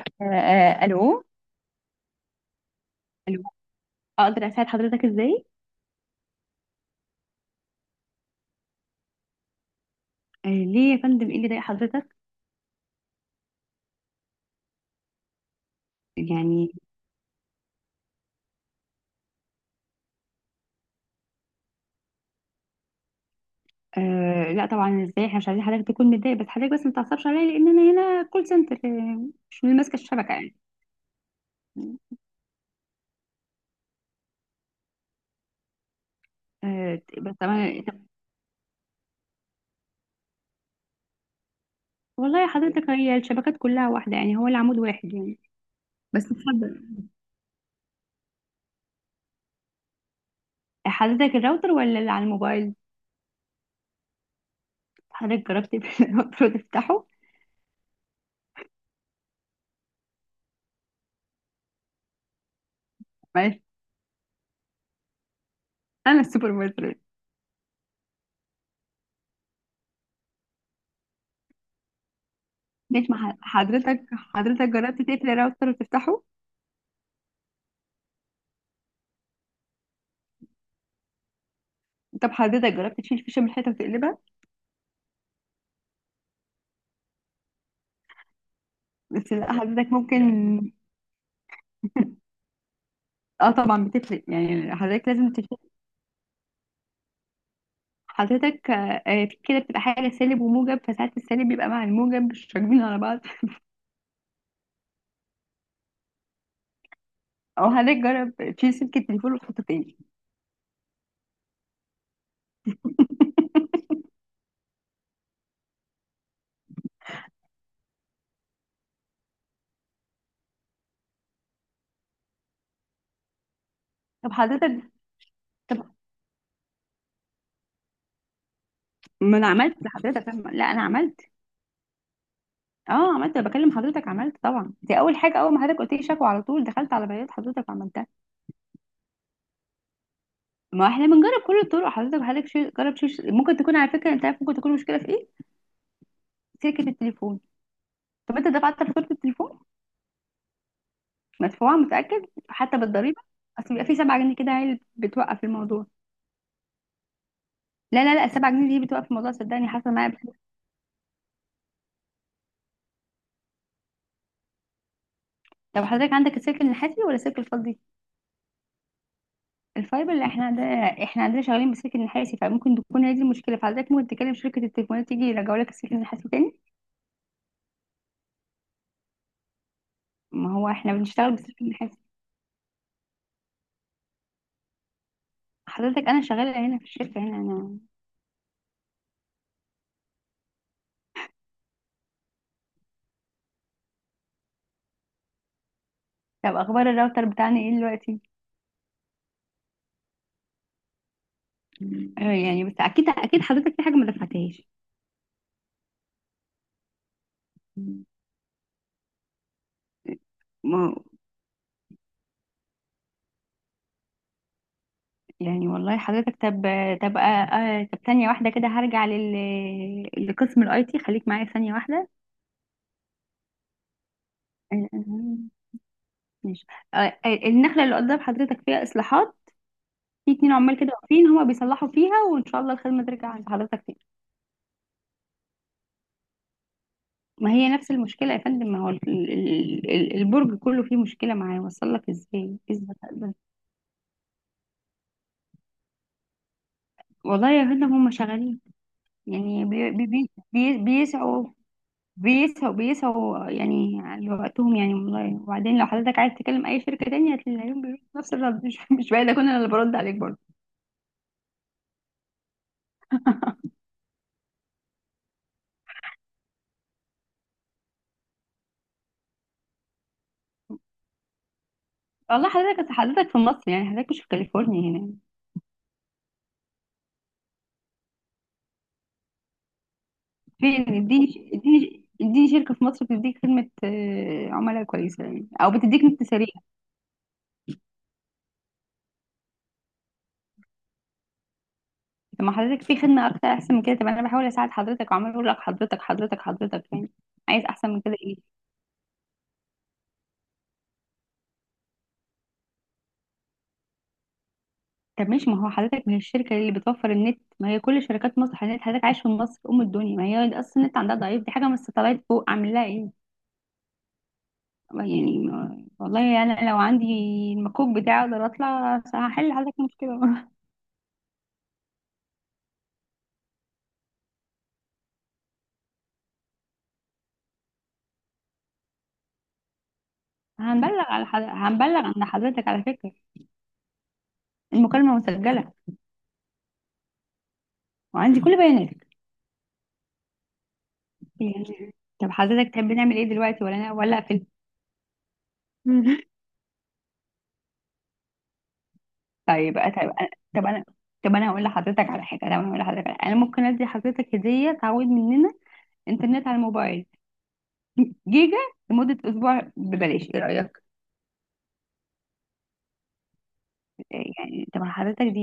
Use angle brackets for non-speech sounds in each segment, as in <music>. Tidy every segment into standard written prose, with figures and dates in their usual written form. الو. الو. اقدر اساعد حضرتك ازاي؟ ليه يا فندم، ايه اللي ضايق حضرتك؟ يعني آه لا طبعا، ازاي؟ احنا مش عايزين حضرتك تكون متضايق، بس حضرتك ما تعصبش عليا لان انا هنا كول سنتر، مش من ماسكه الشبكه يعني. آه بس طبعا طب. <laughs> والله يا حضرتك، هي الشبكات كلها واحده يعني، هو العمود واحد يعني. بس اتفضل. حضرتك الراوتر ولا اللي على الموبايل؟ حضرتك جربت <laughs> تقفل الراوتر وتفتحه؟ معلش. انا السوبرفايزر. ماشي. ما ح- حضرتك جربت تقفل الراوتر وتفتحه؟ طب حضرتك جربت تشيل فيشة من الحيطة وتقلبها؟ بس لا لا، حضرتك ممكن. لا اه طبعا بتفرق يعني، حضرتك لازم تشيل. حضرتك في كده بتبقى حاجة سالب وموجب، فساعات السالب بيبقى مع الموجب مش راكبين على بعض. او حضرتك جرب تشيل سلك التليفون وتحطه تاني. طب حضرتك طب. ما انا عملت لحضرتك، فاهمة؟ لا، انا عملت. اه عملت، انا بكلم حضرتك، عملت طبعا، دي اول حاجة، اول ما حضرتك قلت لي شكوى على طول دخلت على بيانات حضرتك وعملتها. ما احنا بنجرب كل الطرق حضرتك. جرب شيل، ممكن تكون على فكرة، انت عارف ممكن تكون المشكلة في ايه؟ سلكة التليفون. طب انت دفعت فاتورة التليفون؟ مدفوعة؟ متأكد حتى بالضريبة؟ اصل بيبقى في 7 جنيه كده هي اللي بتوقف الموضوع. لا لا لا، 7 جنيه دي بتوقف الموضوع صدقني، حصل معايا. بس طب حضرتك عندك السلك النحاسي ولا السلك الفضي؟ الفايبر اللي احنا عندنا. احنا عندنا شغالين بالسلك النحاسي، فممكن تكون هي دي المشكلة، فحضرتك ممكن تكلم شركة التليفونات تيجي يرجعوا لك السلك النحاسي تاني. ما هو احنا بنشتغل بالسلك النحاسي. حضرتك انا شغالة هنا في الشركة هنا انا. طب اخبار الراوتر بتاعنا ايه دلوقتي؟ يعني بس اكيد حضرتك في حاجة ما دفعتهاش. يعني والله حضرتك طب. طب طب ثانية واحدة كده، هرجع لقسم الاي تي، خليك معايا ثانية واحدة. آه، آه، ماشي. آه، النخلة اللي قدام حضرتك فيها اصلاحات، في اتنين عمال كده واقفين هما بيصلحوا فيها، وان شاء الله الخدمة ترجع عند حضرتك تاني. ما هي نفس المشكلة يا فندم، ما هو البرج كله فيه مشكلة، معاه وصل لك ازاي، ازاي ده؟ والله يا فندم هما شغالين يعني، بيسعوا، بيسهوا بيسهوا يعني على وقتهم يعني والله. وبعدين لو حضرتك عايز تكلم اي شركه تانية هتلاقيهم بيردوا نفس الرد. <laughs> مش بعيد اكون انا اللي برد عليك برضه. والله حضرتك أصل حضرتك في مصر يعني، حضرتك مش في كاليفورنيا هنا. فين؟ اديني اديني اديني شركه في مصر بتديك خدمه عملاء كويسه يعني، او بتديك نت سريع. طب ما حضرتك في خدمه اكتر احسن من كده؟ طب انا بحاول اساعد حضرتك وعمال اقول لك حضرتك يعني، عايز احسن من كده ايه؟ طب ماشي. ما هو حضرتك، ما هي الشركة اللي بتوفر النت، ما هي كل شركات مصر. حضرتك عايش في مصر أم الدنيا، ما هي أصلا النت عندها ضعيف، دي حاجة من الستلايت فوق عامل لها إيه يعني؟ والله أنا لو عندي المكوك بتاعي أقدر أطلع هحل حضرتك المشكلة. <laughs> هنبلغ على حضرتك، هنبلغ عند حضرتك على فكرة، المكالمة مسجلة وعندي كل بياناتك. يعني طب حضرتك تحب نعمل إيه دلوقتي؟ ولا أنا ولا أقفل؟ <laughs> طيب أ- طيب أنا طب أنا طب أنا هقول لحضرتك على حاجة. طب أنا هقول لحضرتك على- أنا ممكن أدي حضرتك هدية تعويض مننا، انترنت على الموبايل <laughs> جيجا لمدة أسبوع ببلاش، إيه رأيك؟ يعني طب حضرتك دي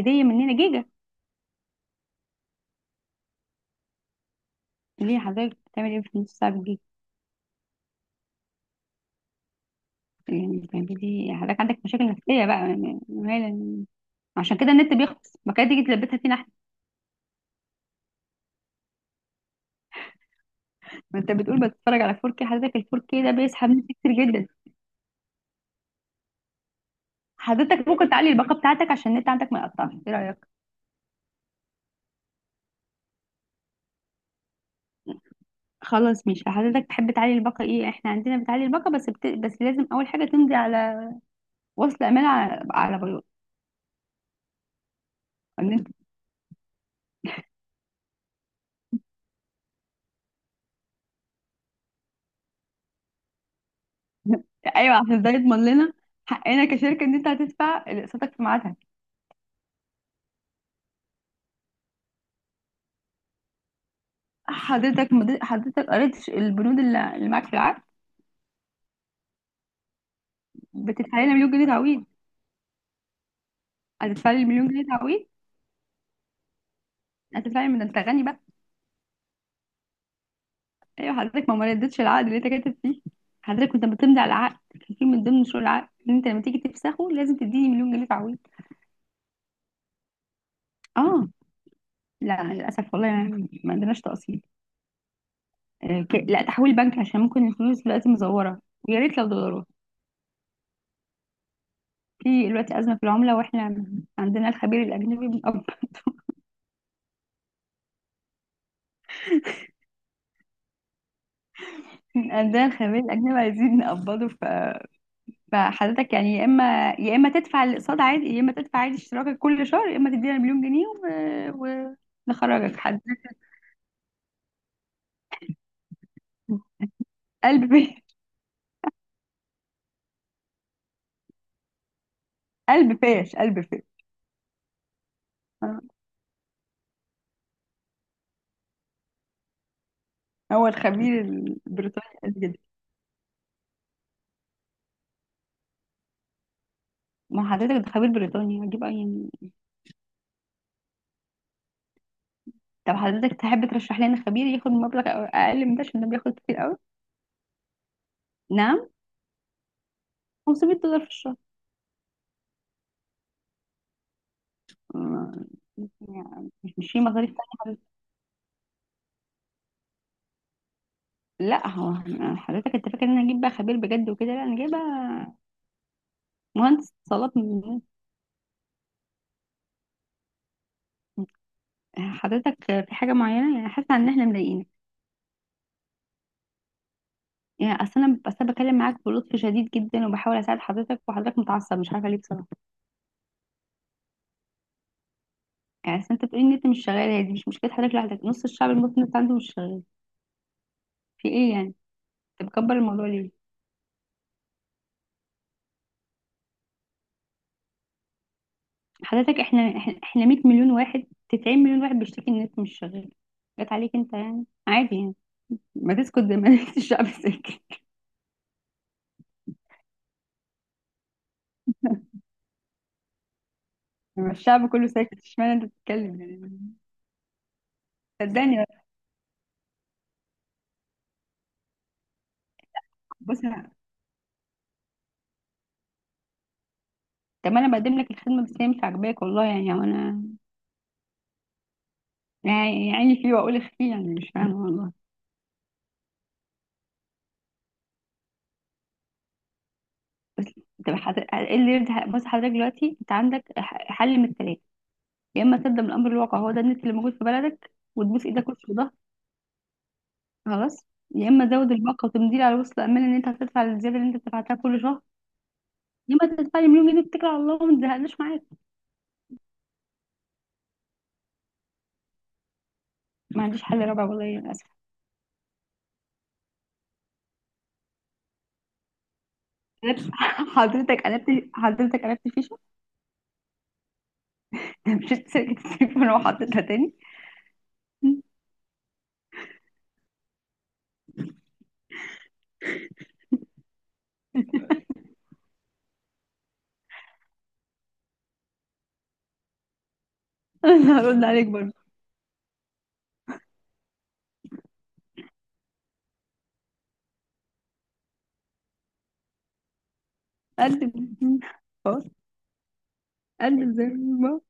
هدية مننا، جيجا. ليه؟ حضرتك بتعمل إيه في نص ساعة بالجيجا؟ يعني بتعملي، حضرتك عندك مشاكل نفسية بقى يعني مالا، عشان كده النت بيخلص، ما كانت تيجي تلبسها فينا احنا. ما انت بتقول بتتفرج على 4K، حضرتك ال 4K ده بيسحب نت كتير جدا. حضرتك ممكن تعلي الباقة بتاعتك عشان النت عندك ما يقطعش، ايه رأيك؟ خلاص، مش حضرتك تحب تعلي الباقة؟ ايه احنا عندنا بتعلي الباقة، بس بس لازم اول حاجة تمضي على وصل امانة، على، على بياض. ايوه عشان ده يضمن لنا حقنا كشركه ان انت هتدفع اقساطك في ميعادها. حضرتك حضرتك قريت البنود اللي معاك في العقد؟ بتدفع لنا مليون جنيه تعويض. هتدفع لي مليون جنيه تعويض، هتدفع لي من ده، انت غني بقى. ايوه حضرتك، ما ردتش العقد اللي انت كاتب فيه، حضرتك كنت بتمضي على العقد، كان في من ضمن شروط العقد ان انت لما تيجي تفسخه لازم تديني مليون جنيه تعويض. اه. لا للاسف والله يعني ما عندناش تقسيط. لا تحويل بنك، عشان ممكن الفلوس دلوقتي مزوره، ويا ريت لو دولارات. في دلوقتي أزمة في العملة، واحنا عندنا الخبير الأجنبي بنقب. <laughs> عندنا الخبير الأجنبي عايزين نقبضه، فحضرتك يعني، يا إما تدفع الأقساط عادي، يا إما تدفع عادي اشتراكك كل شهر، يا إما تدينا مليون جنيه و... ونخرجك. حد قلب <laughs> فيه. قلب فاش قلب فاش. آه. هو الخبير البريطاني قال كده. ما حضرتك ده خبير بريطاني، هجيب أي يعني. طب حضرتك تحب ترشح لنا خبير ياخد مبلغ أقل من ده عشان ده بياخد كتير قوي؟ نعم؟ 500 دولار في الشهر. ما- مش في مصاريف تانية حضرتك. لا هو، حضرتك انت فاكر ان انا اجيب بقى خبير بجد وكده؟ لا انا جايبه مهندس اتصالات حضرتك في حاجه معينه، يعني حاسه ان احنا مضايقينك؟ يعني اصل انا أنا بكلم معاك بلطف شديد جدا وبحاول اساعد حضرتك وحضرتك متعصب، مش عارفه ليه بصراحه يعني. أصل انت بتقولي ان انت مش شغال، هي دي مش مشكله، حضرتك لوحدك، نص الشعب المصري انت عنده مش شغال. في ايه يعني، انت مكبر الموضوع ليه؟ حضرتك احنا احنا إحنا 100 مليون واحد، 90 مليون واحد بيشتكي ان انت مش شغال، جت عليك انت يعني، عادي يعني. ما تسكت زي ما <laughs> نسيت الشعب ساكت. لما الشعب كله ساكت، اشمعنى انت بتتكلم يعني؟ صدقني. بص أنا- طب ما انا بقدم لك الخدمه بس هي مش عاجباك، والله يعني. وانا يعني عيني فيه واقول اخفيه يعني، مش فاهمه والله. بس طب ايه اللي يرضي؟ بص حضرتك دلوقتي انت عندك حل من الثلاثه: يا اما تقدم الامر الواقع، هو ده النت اللي موجود في بلدك وتبوس ايدك وش وضهر، خلاص. يا اما تزود الباقه وتمضي على وصل امان ان انت هتدفع الزياده اللي انت دفعتها كل شهر. يا اما تدفع لي مليون جنيه وتتكل على الله وما تزهقناش معاك. ما عنديش حل رابع والله للاسف. أنا- <laughs> حضرتك قلبت فيشة، <laughs> مش سلكت التليفون وحطيتها تاني. <laughs> انا هرد عليك برضه. قلب. خلاص. قلب زي ما هو.